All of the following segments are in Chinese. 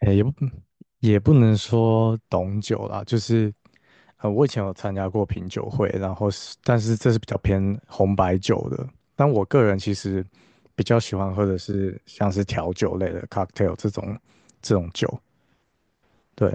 诶，也不能说懂酒啦，就是我以前有参加过品酒会，然后是，但是这是比较偏红白酒的。但我个人其实比较喜欢喝的是像是调酒类的 cocktail 这种酒，对。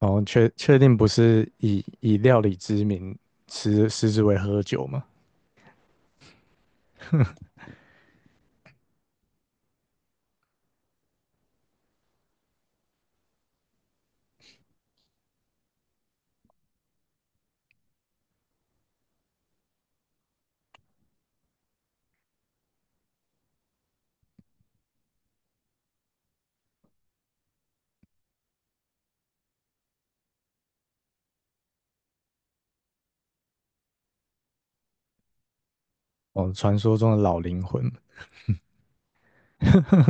然后确定不是以料理之名食之为喝酒嘛？哦，传说中的老灵魂，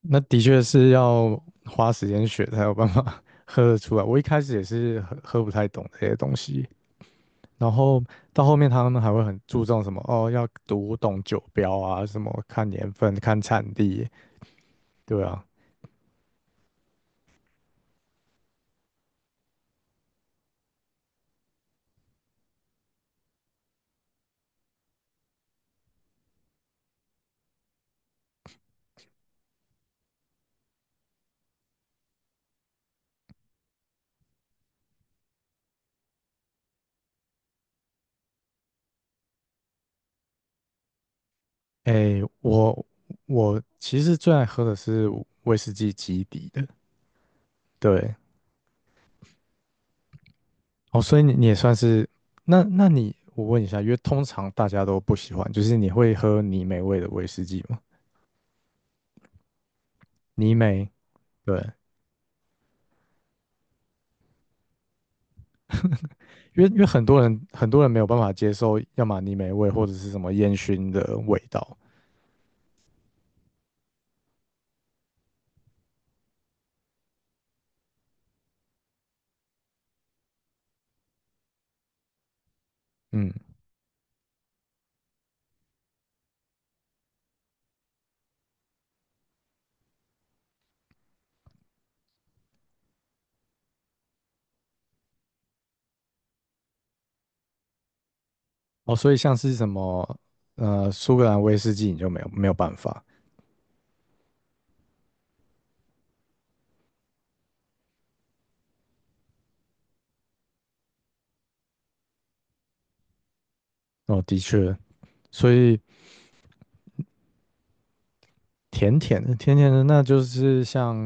那的确是要花时间学才有办法 喝得出来。我一开始也是喝不太懂这些东西。然后到后面他们还会很注重什么哦，要读懂酒标啊，什么看年份、看产地，对啊。哎，我其实最爱喝的是威士忌基底的，对。哦，所以你也算是那你我问一下，因为通常大家都不喜欢，就是你会喝泥煤味的威士忌吗？泥煤，对，因为很多人没有办法接受，要么泥煤味或者是什么烟熏的味道，嗯。哦，所以像是什么苏格兰威士忌，你就没有办法。哦，的确，所以甜甜的，那就是像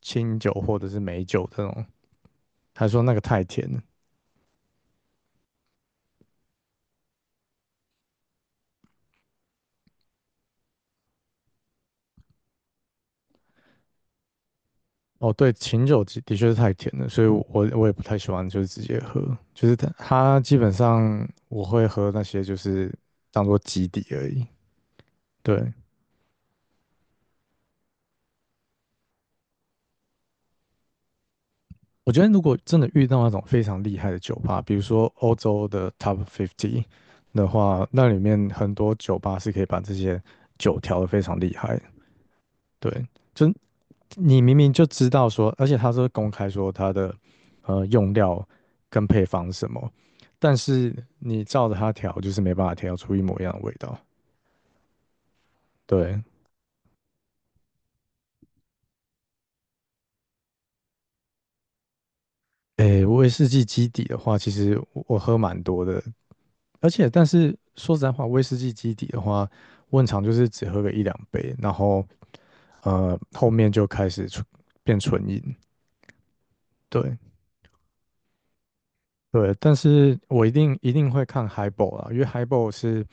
清酒或者是美酒这种。他说那个太甜了。哦，对，清酒的的确是太甜了，所以我也不太喜欢，就是直接喝，就是它基本上我会喝那些就是当做基底而已。对，我觉得如果真的遇到那种非常厉害的酒吧，比如说欧洲的 Top 50的话，那里面很多酒吧是可以把这些酒调得非常厉害的。对，就你明明就知道说，而且他是公开说他的用料跟配方是什么，但是你照着它调，就是没办法调出一模一样的味道。对，诶，威士忌基底的话，其实我喝蛮多的，而且，但是说实在话，威士忌基底的话，我很常就是只喝个一两杯，然后后面就开始变纯饮。对对，但是我一定一定会看 highball 啊，因为 highball 是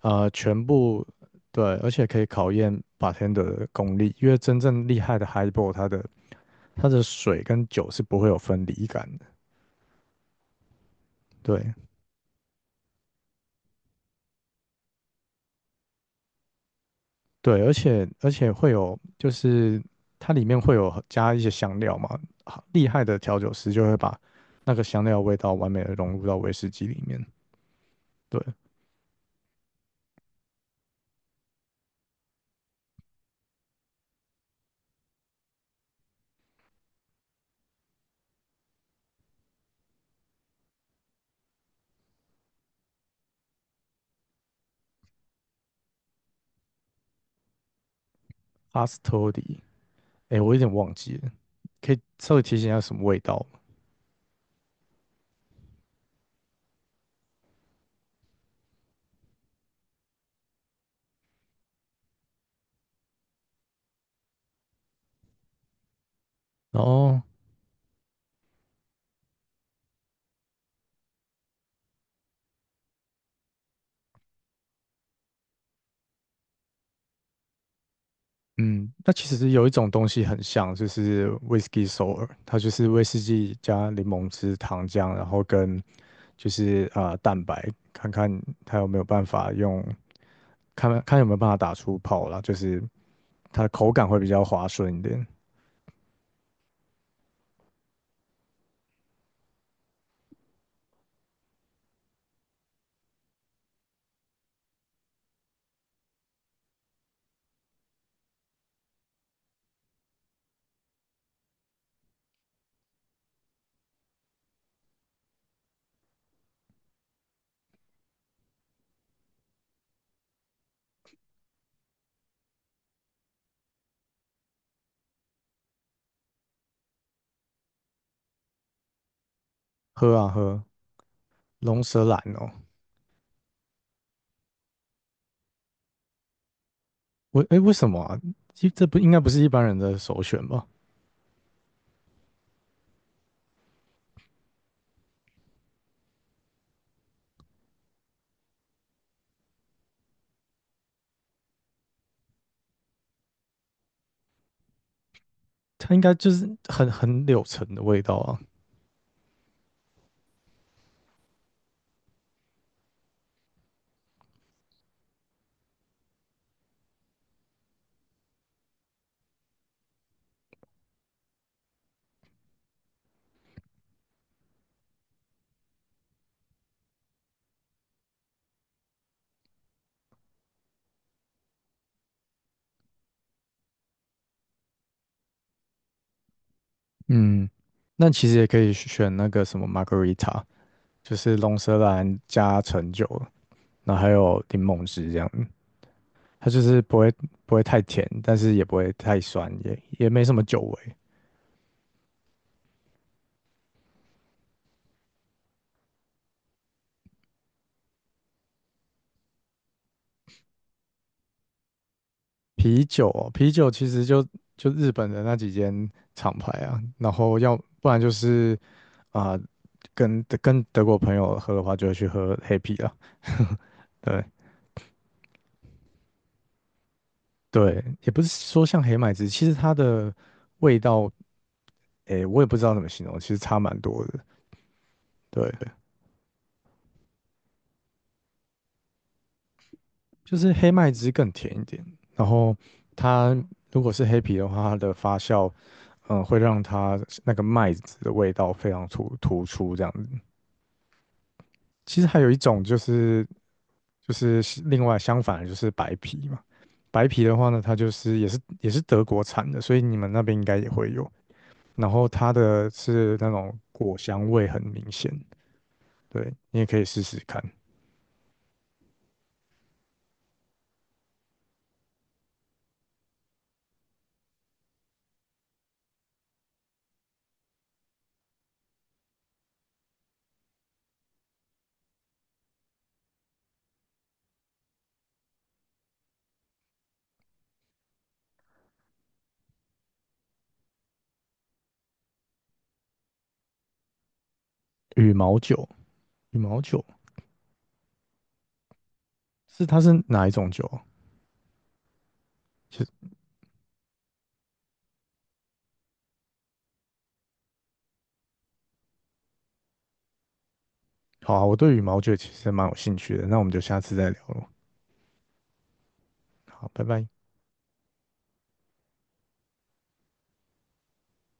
呃全部对，而且可以考验 bartender 的功力，因为真正厉害的 highball 它的水跟酒是不会有分离感的。对，对，而且会有，就是它里面会有加一些香料嘛，好厉害的调酒师就会把那个香料的味道完美的融入到威士忌里面。对，阿斯托 o d, 哎，诶我有点忘记了，可以稍微提醒一下什么味道吗？然后，嗯，那其实有一种东西很像，就是 Whisky Sour,它就是威士忌加柠檬汁、糖浆，然后跟就是蛋白，看看它有没有办法用，有没有办法打出泡啦，就是它的口感会比较滑顺一点。喝啊喝，龙舌兰哦，我哎为什么啊？其这不应该不是一般人的首选吧？它应该就是很柳橙的味道啊。嗯，那其实也可以选那个什么 margarita,就是龙舌兰加橙酒，然后还有柠檬汁这样。它就是不会太甜，但是也不会太酸，也没什么酒味。啤酒哦，啤酒其实就日本的那几间厂牌啊，然后要不然就是啊、跟德国朋友喝的话，就会去喝黑啤了。对对，也不是说像黑麦汁，其实它的味道，诶，我也不知道怎么形容，其实差蛮多的。对，就是黑麦汁更甜一点，然后它如果是黑啤的话，它的发酵，会让它那个麦子的味道非常突出这样子。其实还有一种就是另外相反的就是白啤嘛，白啤的话呢，它就是也是德国产的，所以你们那边应该也会有。然后它的是那种果香味很明显，对，你也可以试试看。羽毛酒，羽毛酒是它是哪一种酒啊，其实好啊，我对羽毛酒其实蛮有兴趣的，那我们就下次再聊了。好，拜拜。